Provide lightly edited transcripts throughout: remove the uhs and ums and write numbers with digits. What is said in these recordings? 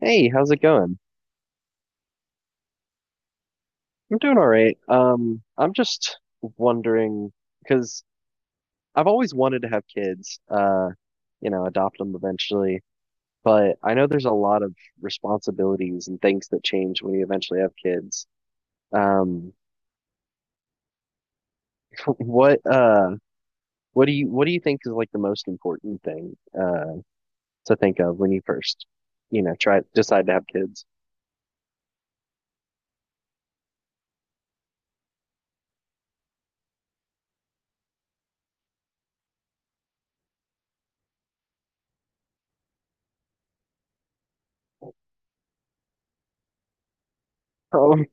Hey, how's it going? I'm doing all right. I'm just wondering because I've always wanted to have kids, you know, adopt them eventually, but I know there's a lot of responsibilities and things that change when you eventually have kids. Um, what what do you think is like the most important thing to think of when you first, you know, try decide to have kids? Um,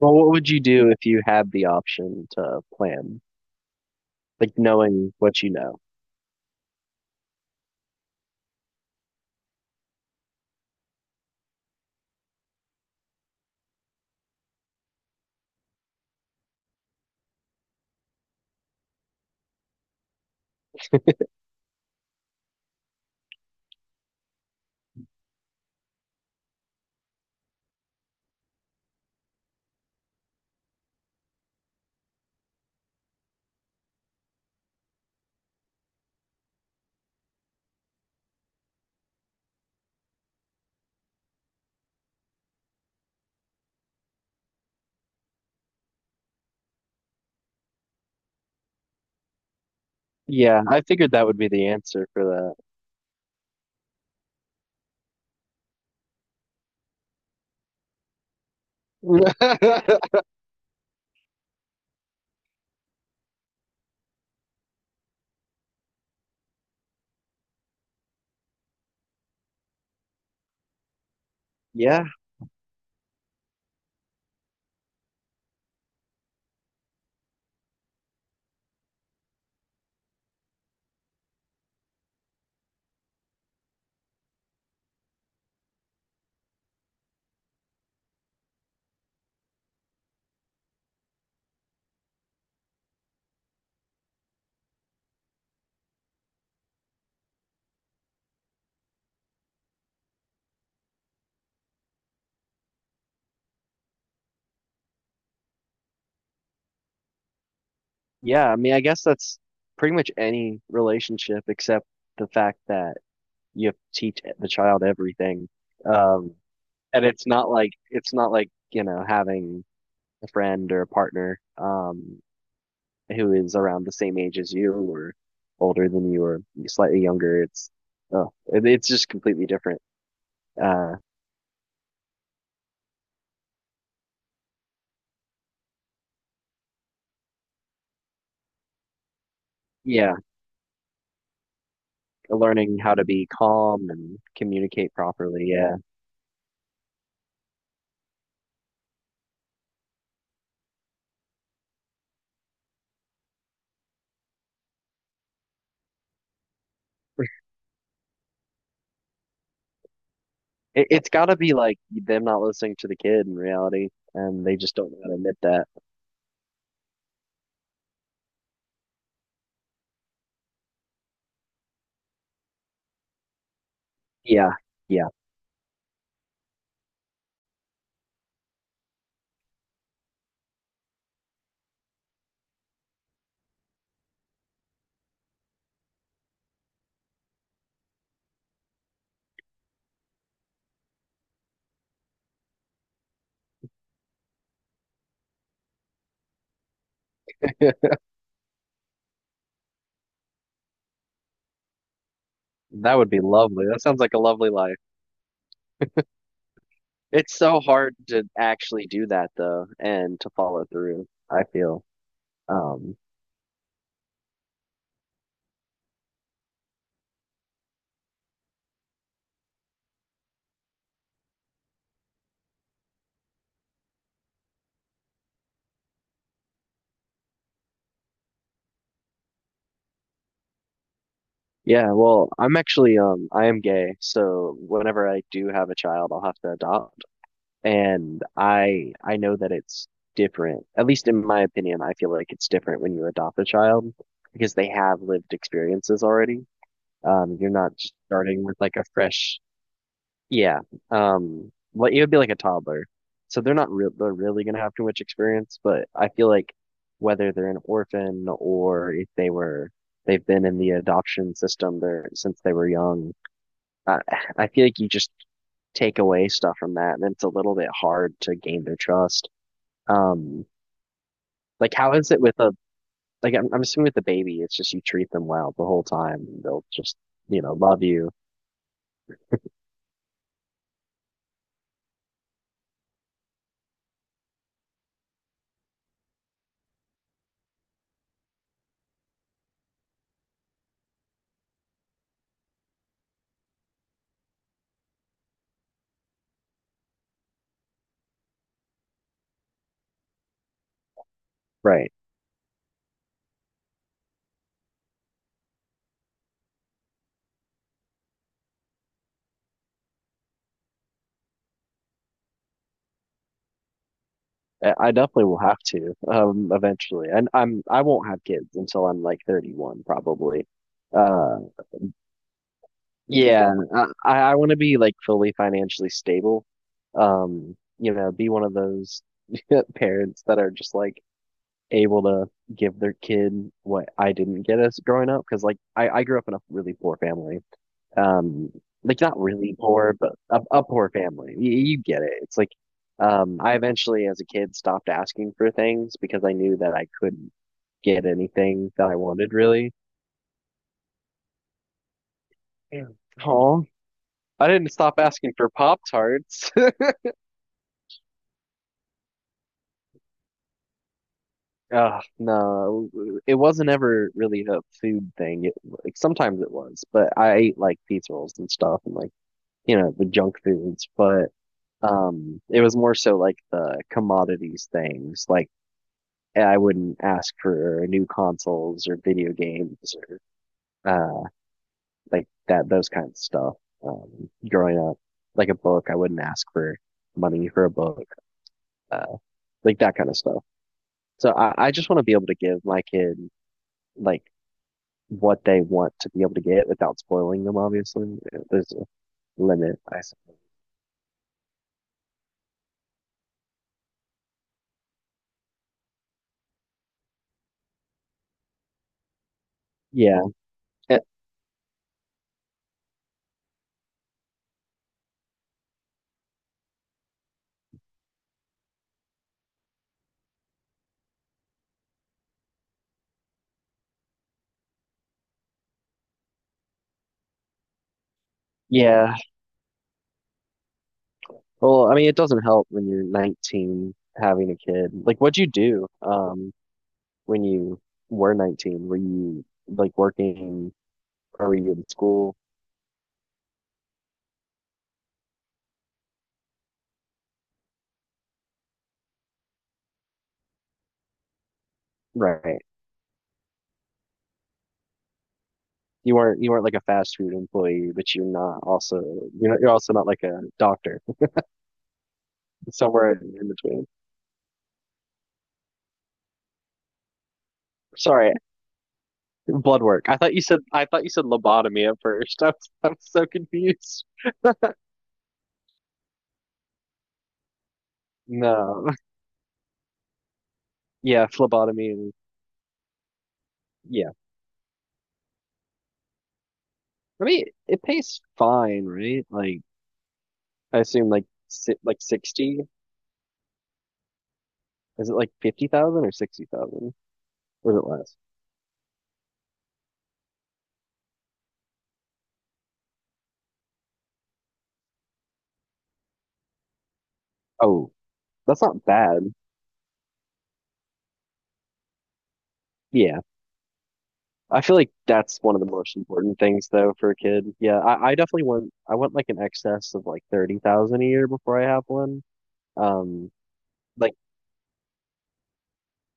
well, what would you do if you had the option to plan, like knowing what you know? Yeah, I figured that would be the answer for that. Yeah, yeah. I mean, I guess that's pretty much any relationship except the fact that you have to teach the child everything. Um, and it's not like, you know, having a friend or a partner who is around the same age as you or older than you or slightly younger. It's just completely different. Uh, yeah, learning how to be calm and communicate properly. Yeah. It's got to be like them not listening to the kid in reality, and they just don't know how to admit that. Yeah, yeah. That would be lovely. That sounds like a lovely life. It's so hard to actually do that though, and to follow through, I feel. Um, yeah, well, I'm actually I am gay, so whenever I do have a child, I'll have to adopt. And I know that it's different. At least in my opinion, I feel like it's different when you adopt a child because they have lived experiences already. You're not starting with like a fresh, yeah. Well, it would be like a toddler, so they're not real. They're really gonna have too much experience, but I feel like whether they're an orphan or if they've been in the adoption system there since they were young, I, I feel like you just take away stuff from that, and it's a little bit hard to gain their trust. Um, like how is it with a like I'm assuming with the baby, it's just you treat them well the whole time, and they'll just, you know, love you, right? I definitely will have to eventually. And I won't have kids until I'm like 31 probably. Uh yeah, I want to be like fully financially stable. You know, be one of those parents that are just like able to give their kid what I didn't get as growing up because like I grew up in a really poor family um like not really poor but a poor family, you get it. It's like I eventually as a kid stopped asking for things because I knew that I couldn't get anything that I wanted really. Yeah. Oh, I didn't stop asking for Pop Tarts. No, it wasn't ever really a food thing. Like sometimes it was, but I ate like pizza rolls and stuff and like, you know, the junk foods. But it was more so like the commodities, things like I wouldn't ask for new consoles or video games or uh like that, those kinds of stuff. Growing up, like a book, I wouldn't ask for money for a book, uh, like that kind of stuff. So I just want to be able to give my kid like what they want to be able to get without spoiling them. Obviously, there's a limit. I s- yeah. Eh, yeah. Well, I mean, it doesn't help when you're 19 having a kid. Like, what'd you do? When you were 19? Were you like working or were you in school? Right. You weren't like a fast food employee, but you're not also you're not, you're also not like a doctor. Somewhere in between. Sorry, blood work. I thought you said lobotomy at first. I'm so confused. No. Yeah, phlebotomy and yeah. I mean, it pays fine, right? Like I assume like si like 60. Is it like 50,000 or 60,000? Or is it less? Oh, that's not bad. Yeah. I feel like that's one of the most important things though for a kid. Yeah, I definitely want I want like an excess of like 30,000 a year before I have one. Um like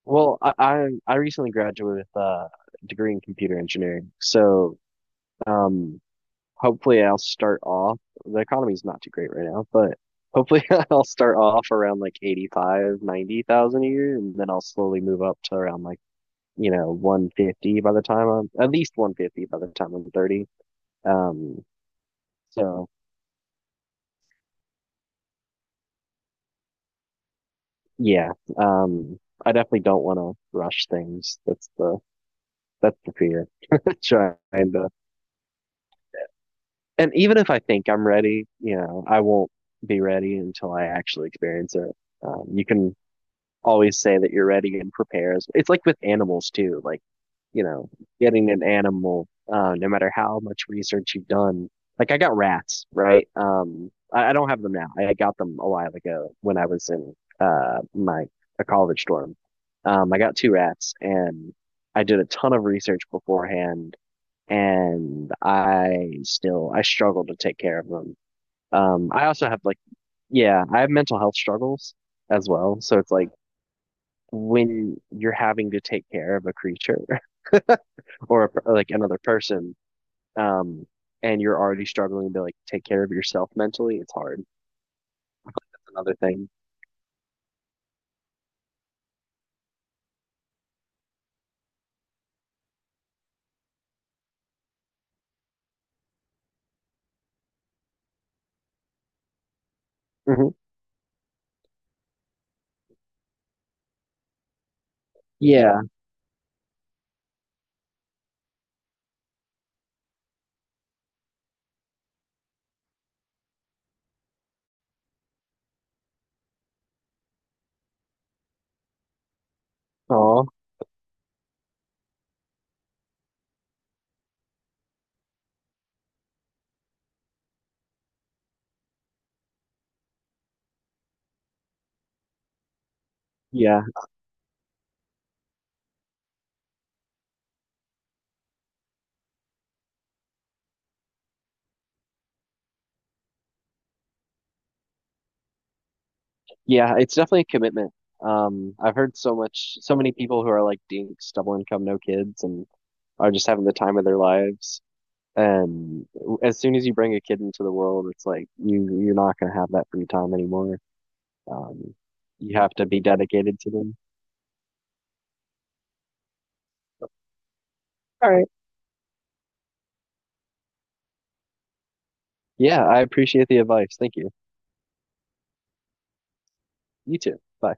well, I recently graduated with a degree in computer engineering. So, um hopefully I'll start off, the economy's not too great right now, but hopefully I'll start off around like 85, 90,000 a year, and then I'll slowly move up to around like, you know, 150 by the time I'm 30. Um, so yeah, um, I definitely don't want to rush things. That's the fear. Trying to, and even if I think I'm ready, you know, I won't be ready until I actually experience it. You can always say that you're ready and prepare. It's like with animals too, like, you know, getting an animal, no matter how much research you've done. Like I got rats, right? I don't have them now. I got them a while ago when I was in my a college dorm. I got 2 rats and I did a ton of research beforehand, and I still I struggle to take care of them. I also have like, yeah, I have mental health struggles as well. So it's like when you're having to take care of a creature like another person, um, and you're already struggling to like take care of yourself mentally, it's hard. Another thing. Hmm. Yeah. Oh, yeah. Yeah. It's definitely a commitment. I've heard so much, so many people who are like dinks, double income, no kids, and are just having the time of their lives. And as soon as you bring a kid into the world, it's like you're not gonna have that free time anymore. Um, you have to be dedicated to them. All right. Yeah, I appreciate the advice. Thank you. You too. Bye.